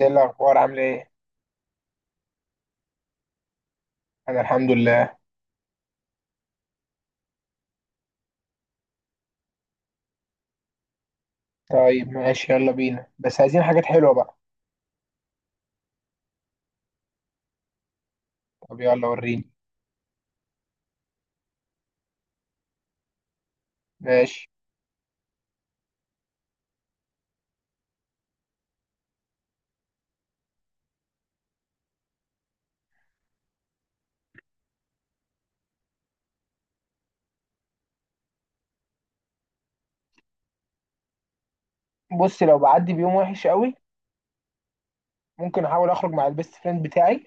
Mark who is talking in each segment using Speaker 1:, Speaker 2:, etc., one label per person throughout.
Speaker 1: ايه الاخبار؟ عامل ايه؟ انا الحمد لله. طيب ماشي، يلا بينا، بس عايزين حاجات حلوه بقى. طب يلا وريني. ماشي. بص، لو بعدي بيوم وحش قوي ممكن احاول اخرج مع البيست فريند بتاعي،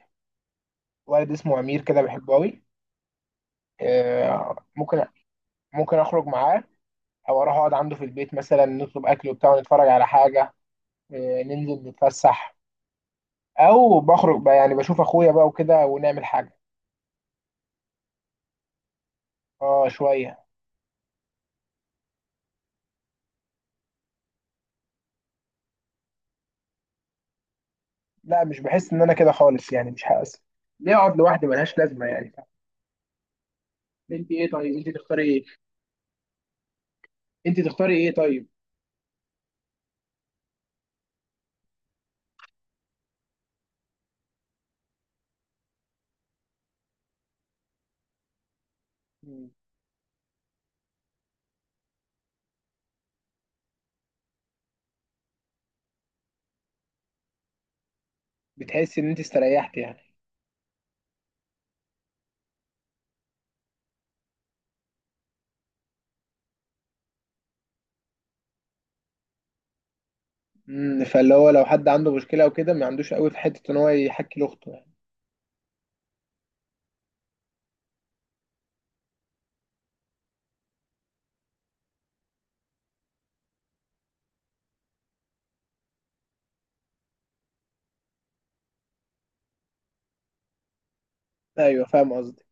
Speaker 1: ولد اسمه امير كده بحبه قوي. آه، ممكن. ممكن اخرج معاه، او اروح اقعد عنده في البيت مثلا، نطلب اكل وبتاع ونتفرج على حاجه. آه، ننزل نتفسح. او بخرج بقى يعني بشوف اخويا بقى وكده ونعمل حاجه. اه شويه. لا، مش بحس ان انا كده خالص، يعني مش حاسس. ليه اقعد لوحدي؟ ملهاش لازمه يعني. انت ايه؟ طيب انت تختاري ايه؟ انت تختاري ايه طيب؟ مم. بتحسي ان انت استريحتي يعني؟ فاللي هو لو حد عنده مشكله او كده، ما عندوش قوي في حته ان هو يحكي لاخته يعني. ايوه فاهم قصدي.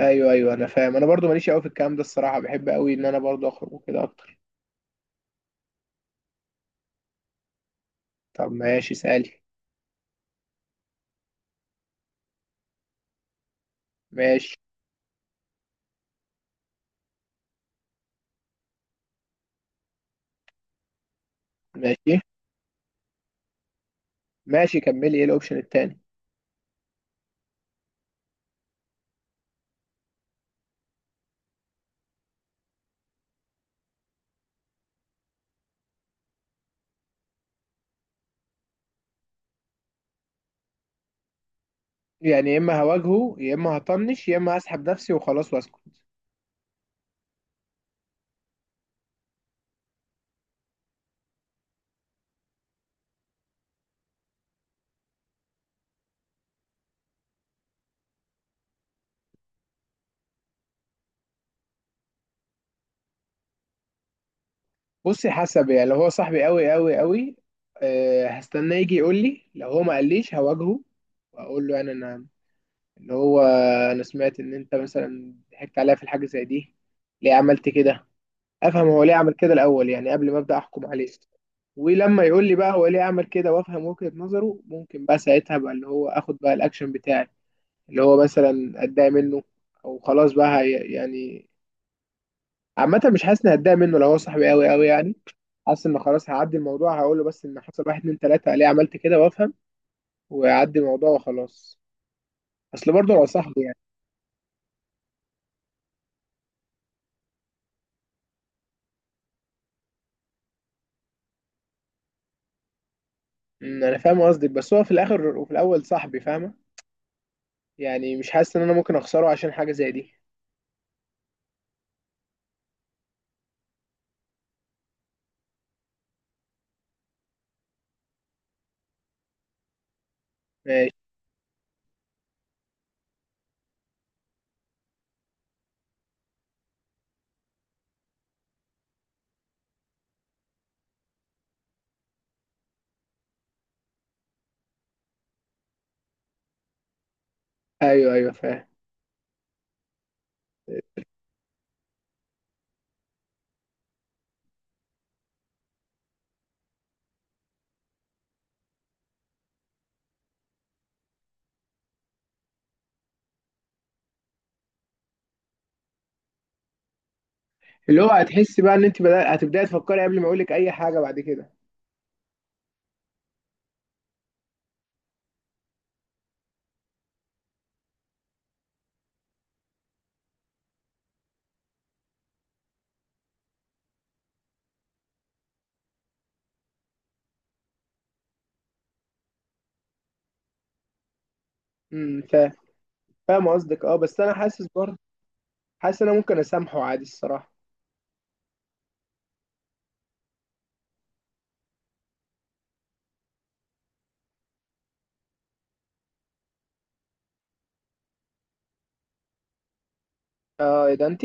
Speaker 1: ايوه، ايوه، انا فاهم. انا برضو ماليش قوي في الكلام ده الصراحه، بحب قوي ان انا برضو اخرج وكده اكتر. طب ماشي سالي. ماشي. ماشي. ماشي، كملي ايه الاوبشن التاني؟ يعني يا اما هواجهه، يا اما هطنش، يا اما هسحب نفسي وخلاص واسكت. بصي، حسب، يعني لو هو صاحبي قوي قوي قوي، أه هستناه يجي يقول لي. لو هو ما قاليش هواجهه، واقول له يعني انا، اللي هو، انا سمعت ان انت مثلا ضحكت عليا في الحاجه زي دي، ليه عملت كده؟ افهم هو ليه عمل كده الاول، يعني قبل ما ابدا احكم عليه. ولما يقول لي بقى هو ليه عمل كده وافهم وجهة نظره، ممكن بقى ساعتها بقى اللي هو اخد بقى الاكشن بتاعي، اللي هو مثلا اتضايق منه، او خلاص بقى يعني عامه مش حاسس اني هتضايق منه لو هو صاحبي قوي قوي يعني. حاسس ان خلاص هعدي الموضوع، هقول له بس ان حصل واحد اتنين تلاته، ليه عملت كده، وافهم، ويعدي الموضوع وخلاص، اصل برضه هو صاحبي يعني. انا فاهم قصدك، بس هو في الاخر وفي الاول صاحبي فاهمه، يعني مش حاسس ان انا ممكن اخسره عشان حاجه زي دي. ماشي. ايوه، ايوه، فاهم. اللي هو هتحسي بقى ان انت هتبداي تفكري قبل ما اقول لك اي حاجه بعد كده. فاهم. فاهم قصدك، اه بس انا حاسس برضه، حاسس ان انا ممكن اسامحه عادي الصراحه. اه ايه ده انت؟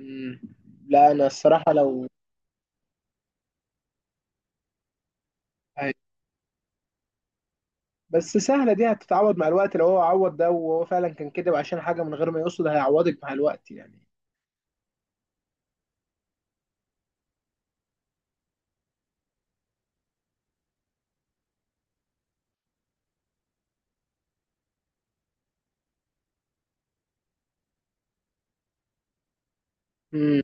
Speaker 1: امم لا، انا الصراحه لو، بس سهلة دي هتتعوض مع الوقت، لو هو عوض ده وهو فعلا كان كده عشان حاجة من غير ما يقصد هيعوضك مع الوقت يعني. امم.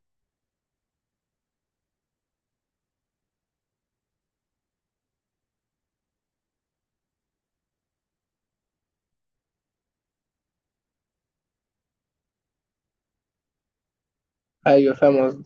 Speaker 1: ايوه فاهم قصدك.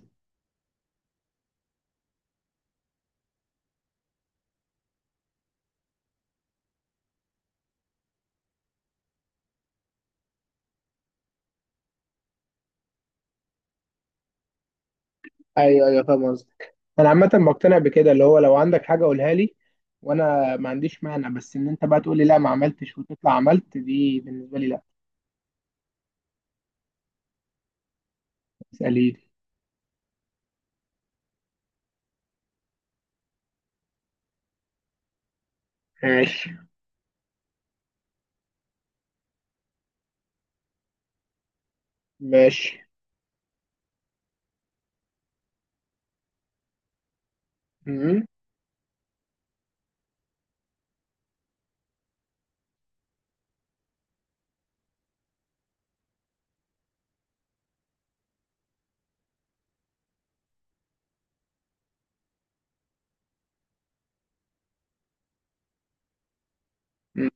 Speaker 1: ايوه، ايوه، فاهم قصدك. انا عامة بقتنع بكده، اللي هو لو عندك حاجة قولها لي، وانا ما عنديش مانع، بس ان انت بقى تقول لي لا ما عملتش وتطلع عملت، دي بالنسبة لي لا. اسألي لي. ماشي. ماشي. امم. أمم.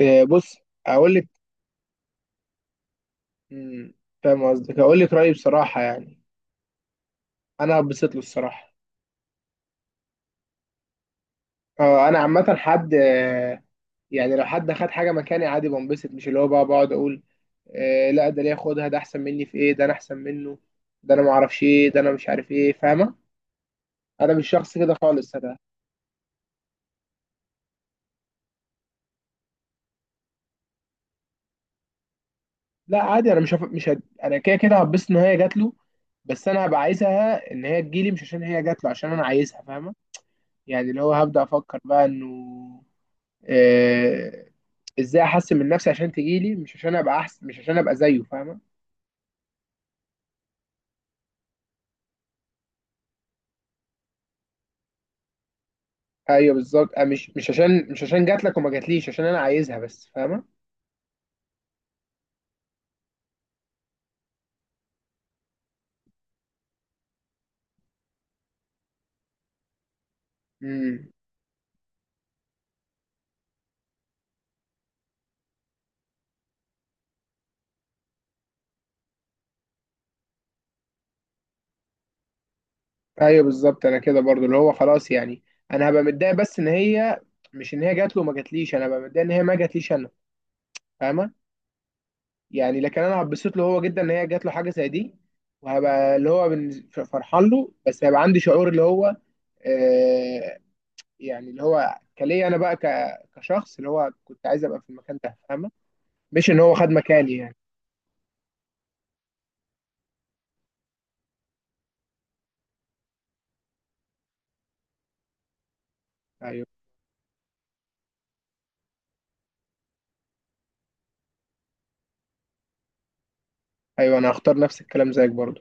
Speaker 1: إيه، بص اقول لك. أمم، فاهم قصدك، اقول لك رأيي بصراحة يعني. انا بسيط له الصراحة. آه، انا عامة حد يعني لو حد خد حاجه مكاني عادي بنبسط، مش اللي هو بقى بقعد اقول آه لا ده ليه خدها، ده احسن مني في ايه، ده انا احسن منه، ده انا ما اعرفش ايه، ده انا مش عارف ايه، فاهمه؟ انا مش شخص كده خالص انا. لا عادي، انا مش هد... انا كده كده هتبسط ان هي جات له، بس انا هبقى عايزها ان هي تجيلي، مش عشان هي جات له، عشان انا عايزها فاهمه. يعني اللي هو هبدا افكر بقى انه آه... ازاي احسن من نفسي عشان تجيلي، مش عشان ابقى احسن، مش عشان ابقى زيه فاهمه. ايوه بالظبط، مش عشان جات لك وما جاتليش، عشان انا عايزها بس فاهمه. امم. ايوه بالظبط، انا كده برضو اللي هو خلاص يعني، انا هبقى متضايق بس ان هي، مش ان هي جات له وما جاتليش، انا هبقى متضايق ان هي ما جاتليش انا، فاهمه؟ يعني لكن انا هبسط له هو جدا ان هي جات له حاجه زي دي، وهبقى اللي هو فرحان له، بس هيبقى عندي شعور اللي هو، آه يعني اللي هو كليا انا بقى كشخص اللي هو كنت عايز ابقى في المكان ده فاهمه، مش ان هو خد مكاني يعني. ايوه، ايوه، انا هختار نفس الكلام زيك برضو.